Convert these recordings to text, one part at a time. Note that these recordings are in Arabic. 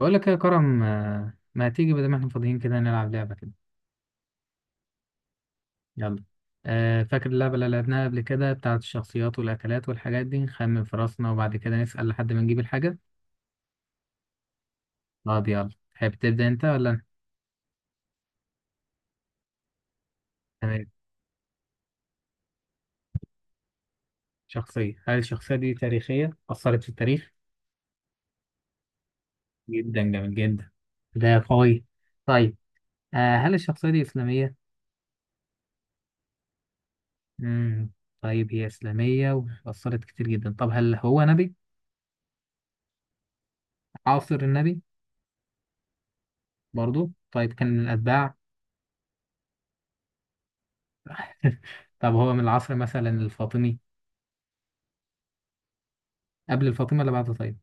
بقول لك يا كرم ما تيجي بدل ما احنا فاضيين كده نلعب لعبة كده. يلا. فاكر اللعبة اللي لعبناها قبل كده بتاعت الشخصيات والأكلات والحاجات دي، نخمن في راسنا وبعد كده نسأل لحد ما نجيب الحاجة. اه دي، يلا تحب تبدأ انت ولا أنا؟ تمام. شخصية، هل الشخصية دي تاريخية أثرت في التاريخ؟ جدا، جميل جدا. ده قوي. طيب. هل الشخصية دي إسلامية؟ مم. طيب هي إسلامية وأثرت كتير جدا. طب هل هو نبي؟ عاصر النبي؟ برضو طيب، كان من الأتباع؟ طب هو من العصر مثلا الفاطمي؟ قبل الفاطمي ولا بعده؟ طيب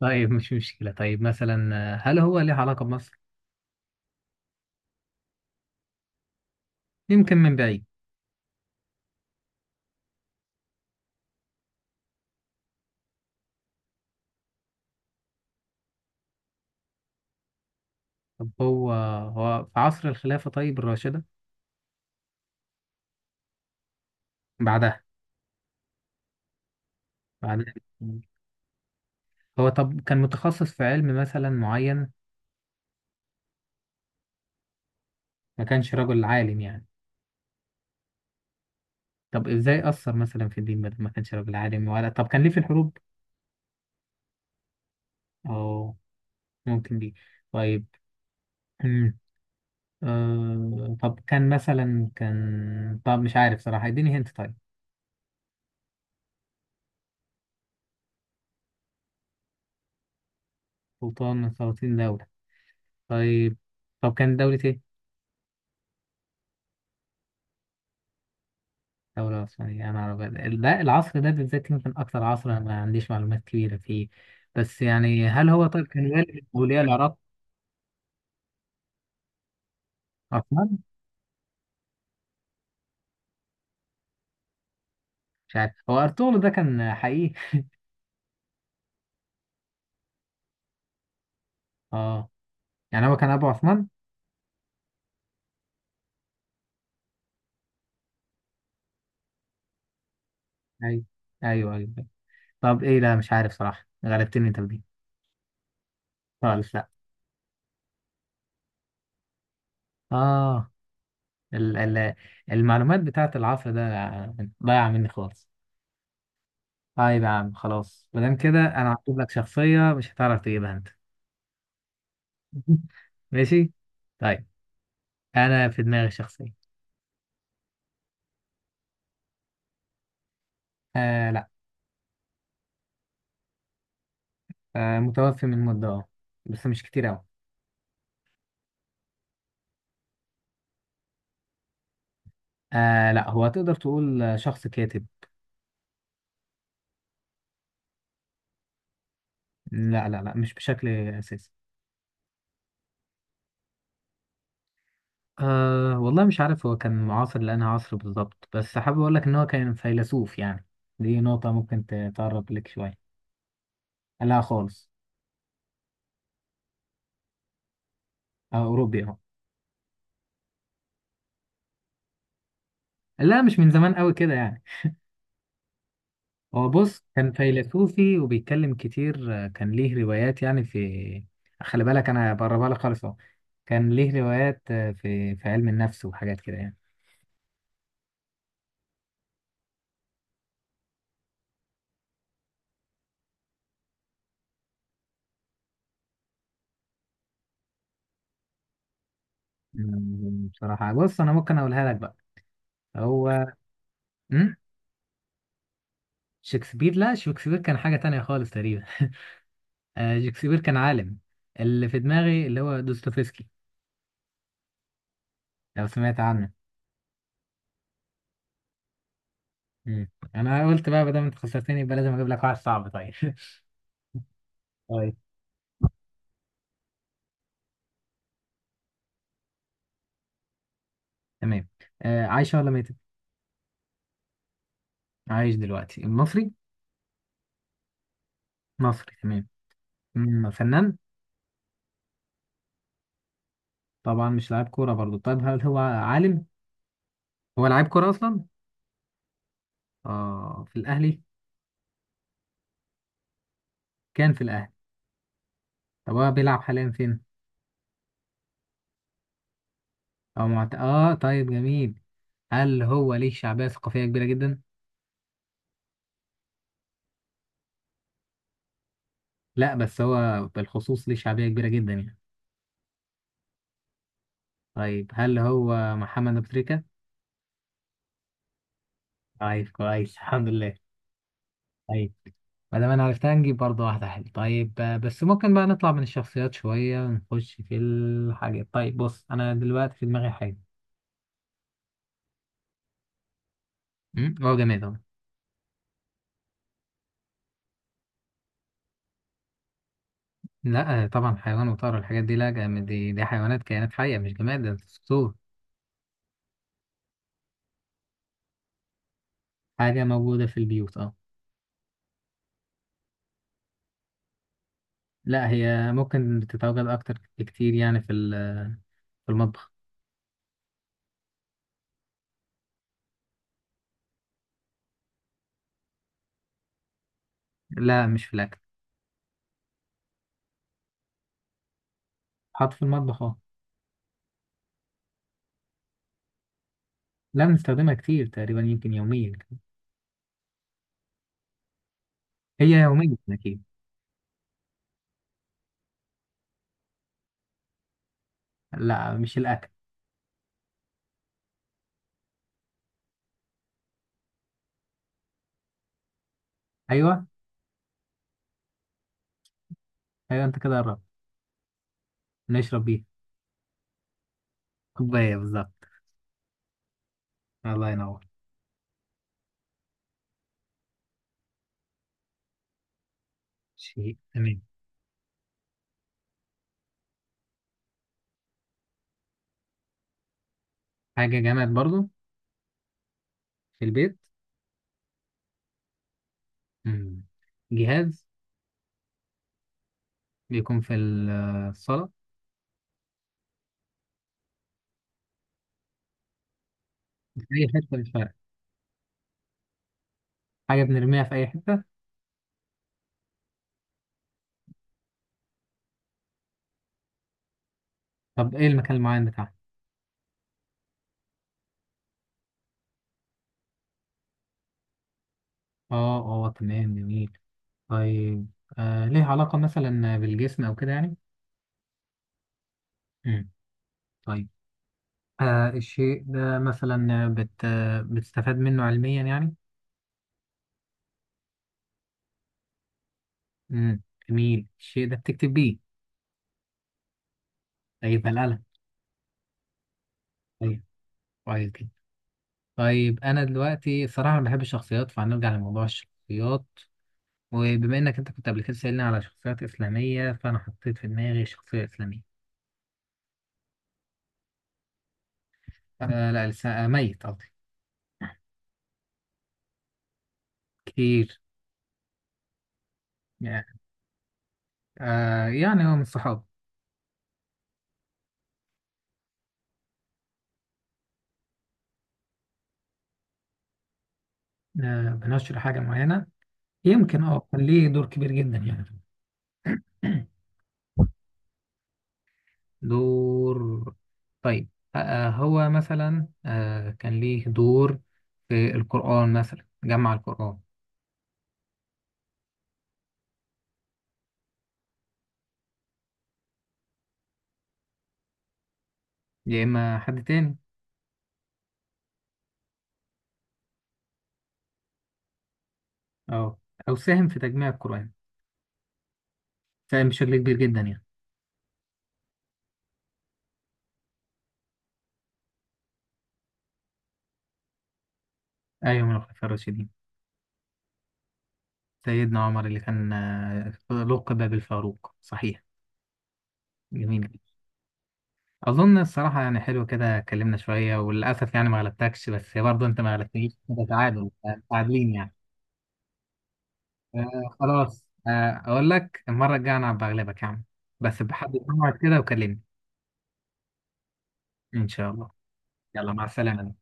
طيب، مش مشكلة. طيب مثلا، هل هو ليه علاقة بمصر؟ يمكن من بعيد. طب هو، في عصر الخلافة؟ طيب الراشدة؟ بعدها؟ بعدها. هو طب كان متخصص في علم مثلا معين؟ ما كانش رجل عالم يعني؟ طب ازاي أثر مثلا في الدين بدل ما كانش رجل عالم؟ ولا طب كان ليه في الحروب؟ اه. ممكن دي. طيب. أمم، آه طب كان مثلا، كان طب مش عارف صراحة، اديني هنت. طيب سلطان من 30 دولة. طيب. طب كانت دولة إيه؟ دولة عثمانية أنا أعرف. لا العصر ده بالذات يمكن أكتر عصر أنا ما عنديش معلومات كبيرة فيه. بس يعني هل هو، طيب كان والد أولياء العراق؟ عثمان؟ مش عارف. هو أرطغرل ده كان حقيقي؟ أه. يعني هو كان أبو عثمان؟ أيوه أيوه أيوه. طب إيه، لا مش عارف صراحة، غلبتني أنت بدي. خالص، لا. أه. ال المعلومات بتاعت العصر ده ضايعة مني خالص. طيب يا عم خلاص، مادام كده انا هجيب لك شخصية مش هتعرف تجيبها انت. ماشي. طيب، انا في دماغي شخصية. آه لا. آه، متوفي من مدة اه، بس مش كتير اوي. آه لا، هو تقدر تقول شخص كاتب. لا لا لا، مش بشكل اساسي. آه والله مش عارف هو كان معاصر لأنها عصر بالظبط، بس حابب اقول لك ان هو كان فيلسوف يعني. دي نقطة ممكن تقرب لك شوية. لا خالص. آه اوروبي اهو. لا مش من زمان قوي كده يعني. هو بص كان فيلسوفي وبيتكلم كتير، كان ليه روايات يعني في. خلي بالك انا بقربها لك خالص اهو. كان ليه روايات في علم النفس وحاجات كده يعني. بصراحة بص انا ممكن اقولها لك بقى. هو. مم؟ شكسبير؟ لا شكسبير كان حاجة تانية خالص تقريبا. شكسبير كان عالم. اللي في دماغي اللي هو دوستويفسكي، لو سمعت عنه. مم. انا قلت بقى بدل ما انت خسرتني يبقى لازم اجيب لك واحد صعب. طيب. طيب، تمام. عايشة ولا ميتة؟ عايش دلوقتي، المصري؟ مصري تمام. فنان؟ طبعا مش لاعب كورة برضو. طيب هل هو عالم؟ هو لاعب كورة أصلا؟ اه، في الأهلي؟ كان في الأهلي. طب هو بيلعب حاليا فين؟ أو اه طيب جميل. هل هو ليه شعبية ثقافية كبيرة جدا؟ لا بس هو بالخصوص ليه شعبية كبيرة جدا يعني. طيب هل هو محمد أبو تريكة؟ طيب كويس، الحمد لله. طيب. ما دام انا عرفتها نجيب برضه واحدة حلوة. طيب بس ممكن بقى نطلع من الشخصيات شوية ونخش في الحاجات. طيب بص انا دلوقتي في دماغي حاجة. هو جماد اهو. لا طبعا حيوان وطائر الحاجات دي لا جماد، دي, دي حيوانات كائنات حية مش جماد، ده دستور. حاجة موجودة في البيوت اه. لا هي ممكن تتواجد أكتر بكتير يعني في في المطبخ. لا مش في الأكل. حط في المطبخ اه. لا بنستخدمها كتير، تقريبا يمكن يوميا. هي يوميا أكيد. لا مش الأكل. أيوه أيوه، أنت كده قربت. نشرب بيها. كوباية بالظبط. الله ينور. شيء تمام. حاجة جماد برضو. في البيت. مم. جهاز. بيكون في الصالة. في أي حتة مش فارق. حاجة بنرميها في أي حتة. طب إيه المكان المعين بتاعها؟ آه، آه تمام جميل. طيب. آه ليه علاقة مثلا بالجسم أو كده يعني؟ مم. طيب الشيء ده مثلا، بت آه، بتستفاد منه علميا يعني؟ مم. جميل. الشيء ده بتكتب بيه؟ طيب القلم. طيب، كويس جدا. طيب أنا دلوقتي الصراحة أنا بحب الشخصيات فهنرجع لموضوع الشخصيات. وبما إنك أنت كنت قبل كده سألني على شخصيات إسلامية فأنا حطيت في دماغي شخصية إسلامية. آه لا لسه، ميت قصدي. كتير يعني. آه يعني هو من الصحاب. آه بنشر حاجة معينة، يمكن اه كان ليه دور كبير جدا يعني. دور. طيب. هو مثلا كان ليه دور في القرآن، مثلا جمع القرآن. يا إما حد تاني، أو أو ساهم في تجميع القرآن، ساهم بشكل كبير جدا يعني. أيوة من الخلفاء الراشدين. سيدنا عمر، اللي كان آه لقب بالفاروق، صحيح. جميل. اظن الصراحه يعني حلو كده اتكلمنا شويه، وللاسف يعني ما غلبتكش، بس برضه انت ما غلبتنيش، ده تعادل، متعادلين يعني. آه خلاص، آه اقول لك المره الجايه انا بغلبك يا عم، بس بحدد موعد كده وكلمني. ان شاء الله. يلا مع السلامه.